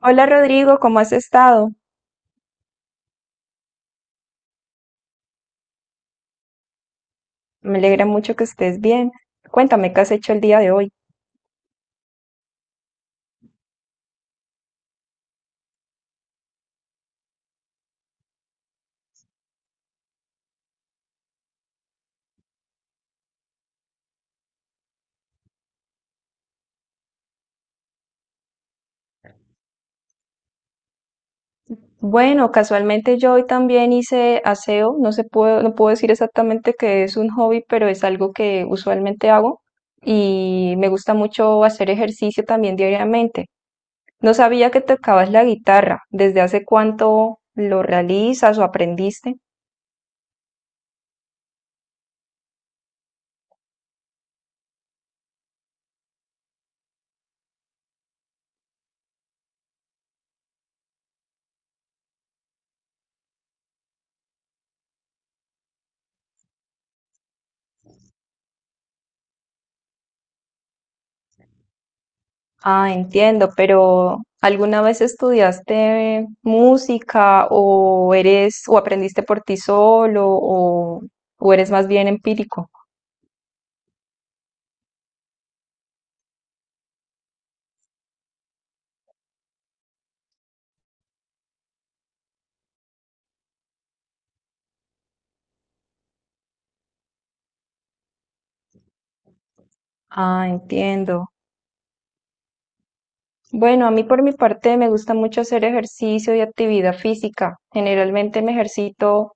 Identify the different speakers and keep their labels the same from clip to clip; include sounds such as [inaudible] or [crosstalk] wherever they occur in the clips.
Speaker 1: Hola Rodrigo, ¿cómo has estado? Me alegra mucho que estés bien. Cuéntame qué has hecho el día de hoy. Bueno, casualmente yo hoy también hice aseo. No se puedo, no puedo decir exactamente que es un hobby, pero es algo que usualmente hago y me gusta mucho hacer ejercicio también diariamente. No sabía que tocabas la guitarra. ¿Desde hace cuánto lo realizas o aprendiste? Ah, entiendo, pero ¿alguna vez estudiaste música o eres o aprendiste por ti solo o eres más bien empírico? Ah, entiendo. Bueno, a mí por mi parte me gusta mucho hacer ejercicio y actividad física. Generalmente me ejercito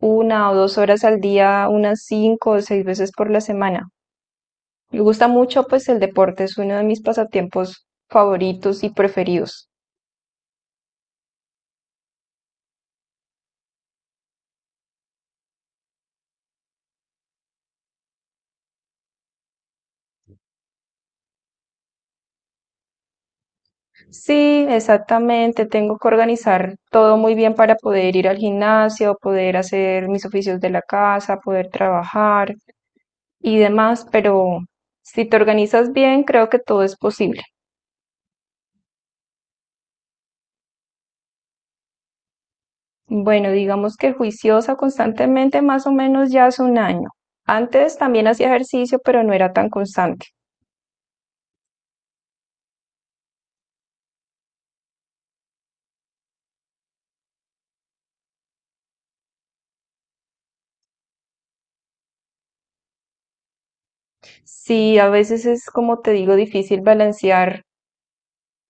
Speaker 1: 1 o 2 horas al día, unas 5 o 6 veces por la semana. Me gusta mucho, pues el deporte es uno de mis pasatiempos favoritos y preferidos. Sí, exactamente. Tengo que organizar todo muy bien para poder ir al gimnasio, poder hacer mis oficios de la casa, poder trabajar y demás, pero si te organizas bien, creo que todo es posible. Bueno, digamos que juiciosa constantemente, más o menos ya hace un año. Antes también hacía ejercicio, pero no era tan constante. Sí, a veces es como te digo, difícil balancear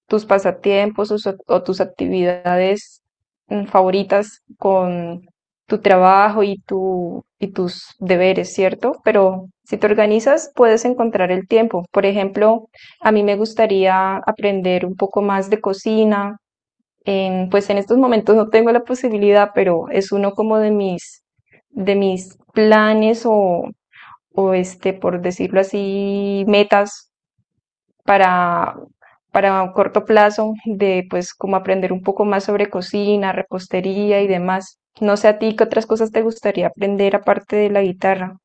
Speaker 1: tus pasatiempos o, o tus actividades favoritas con tu trabajo y tu, y tus deberes, ¿cierto? Pero si te organizas, puedes encontrar el tiempo. Por ejemplo, a mí me gustaría aprender un poco más de cocina. Pues en estos momentos no tengo la posibilidad, pero es uno como de mis planes o este, por decirlo así, metas para, para un corto plazo de pues como aprender un poco más sobre cocina, repostería y demás. No sé a ti qué otras cosas te gustaría aprender aparte de la guitarra.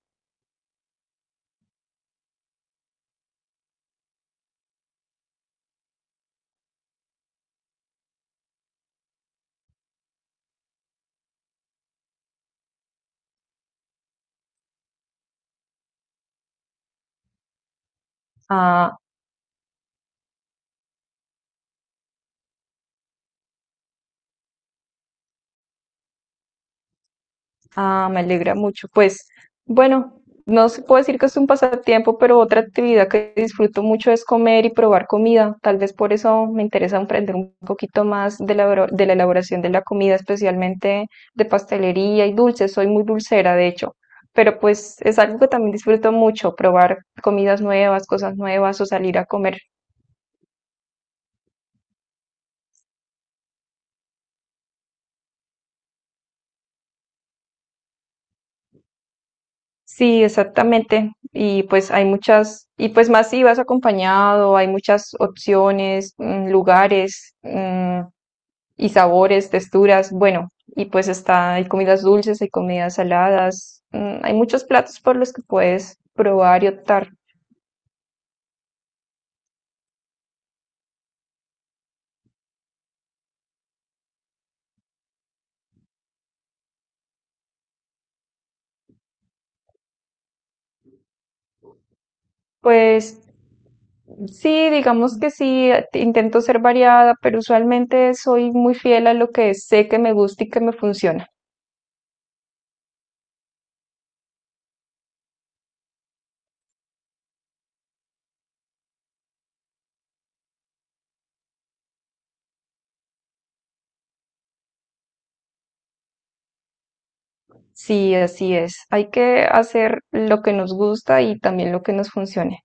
Speaker 1: Ah, ah, me alegra mucho. Pues bueno, no se puede decir que es un pasatiempo, pero otra actividad que disfruto mucho es comer y probar comida. Tal vez por eso me interesa aprender un poquito más de la, de la elaboración de la comida, especialmente de pastelería y dulces. Soy muy dulcera, de hecho. Pero pues es algo que también disfruto mucho, probar comidas nuevas, cosas nuevas o salir a comer. Sí, exactamente. Y pues hay muchas, y pues más si vas acompañado, hay muchas opciones, lugares, y sabores, texturas. Bueno, y pues está, hay comidas dulces, hay comidas saladas, hay muchos platos por los que puedes probar y optar. Pues sí, digamos que sí, intento ser variada, pero usualmente soy muy fiel a lo que sé que me gusta y que me funciona. Sí, así es. Hay que hacer lo que nos gusta y también lo que nos funcione.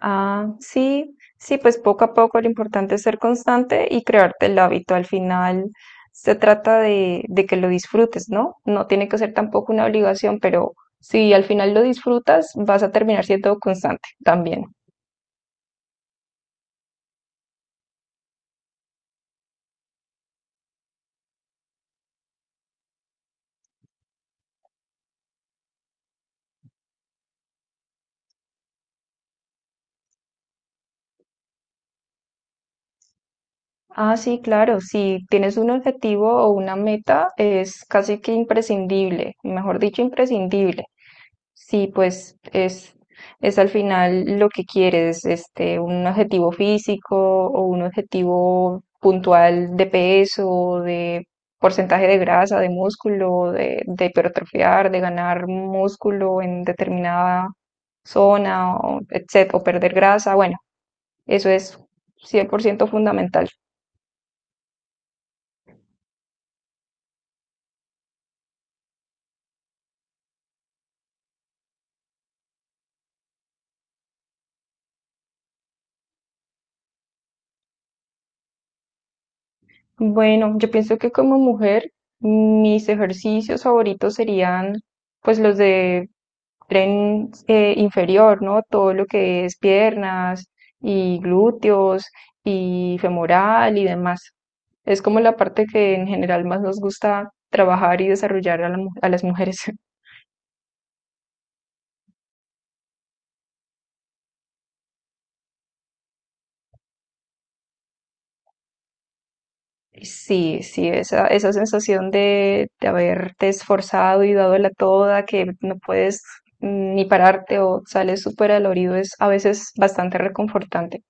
Speaker 1: Ah, sí, sí, pues poco a poco lo importante es ser constante y crearte el hábito. Al final se trata de que lo disfrutes, ¿no? No tiene que ser tampoco una obligación, pero si al final lo disfrutas, vas a terminar siendo constante también. Ah, sí, claro, si tienes un objetivo o una meta, es casi que imprescindible, mejor dicho, imprescindible. Sí, pues es al final lo que quieres, este, un objetivo físico o un objetivo puntual de peso, de porcentaje de grasa, de músculo, de hipertrofiar, de ganar músculo en determinada zona, o, o perder grasa. Bueno, eso es 100% fundamental. Bueno, yo pienso que como mujer, mis ejercicios favoritos serían pues los de tren inferior, ¿no? Todo lo que es piernas y glúteos y femoral y demás. Es como la parte que en general más nos gusta trabajar y desarrollar a, a las mujeres. [laughs] Sí, sí, esa sensación de haberte esforzado y dado la toda, que no puedes ni pararte o sales súper dolorido es a veces bastante reconfortante.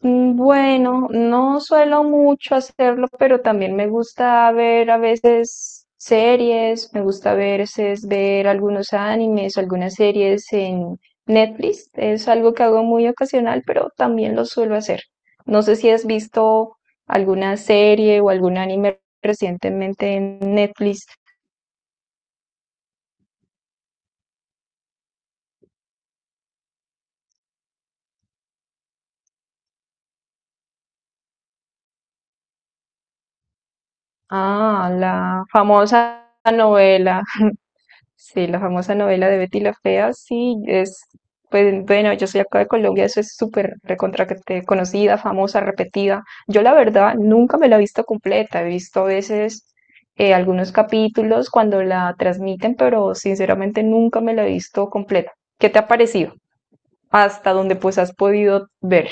Speaker 1: Bueno, no suelo mucho hacerlo, pero también me gusta ver a veces series, me gusta a veces ver algunos animes o algunas series en Netflix. Es algo que hago muy ocasional, pero también lo suelo hacer. No sé si has visto alguna serie o algún anime recientemente en Netflix. Ah, la famosa novela. Sí, la famosa novela de Betty la Fea, sí, es, pues bueno, yo soy acá de Colombia, eso es súper recontra conocida, famosa, repetida. Yo la verdad nunca me la he visto completa, he visto a veces algunos capítulos cuando la transmiten, pero sinceramente nunca me la he visto completa. ¿Qué te ha parecido? Hasta donde pues has podido ver.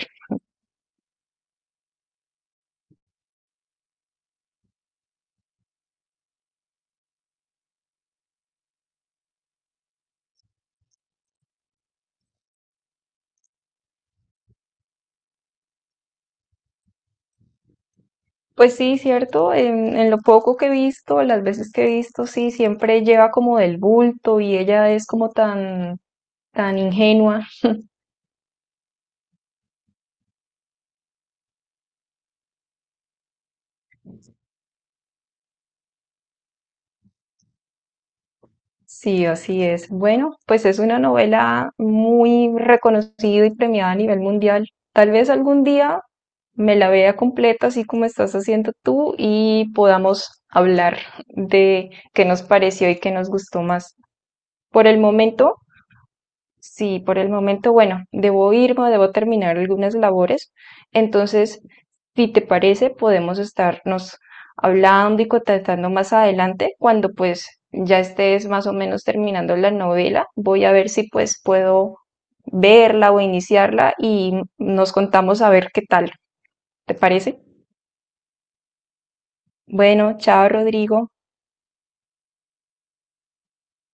Speaker 1: Pues sí, cierto, en lo poco que he visto, las veces que he visto, sí, siempre lleva como del bulto y ella es como tan tan ingenua. Sí, así es. Bueno, pues es una novela muy reconocida y premiada a nivel mundial. Tal vez algún día me la vea completa, así como estás haciendo tú, y podamos hablar de qué nos pareció y qué nos gustó más. Por el momento, sí, por el momento, bueno, debo irme, debo terminar algunas labores. Entonces, si te parece, podemos estarnos hablando y contactando más adelante cuando pues ya estés más o menos terminando la novela. Voy a ver si pues puedo verla o iniciarla y nos contamos a ver qué tal. ¿Te parece? Bueno, chao, Rodrigo.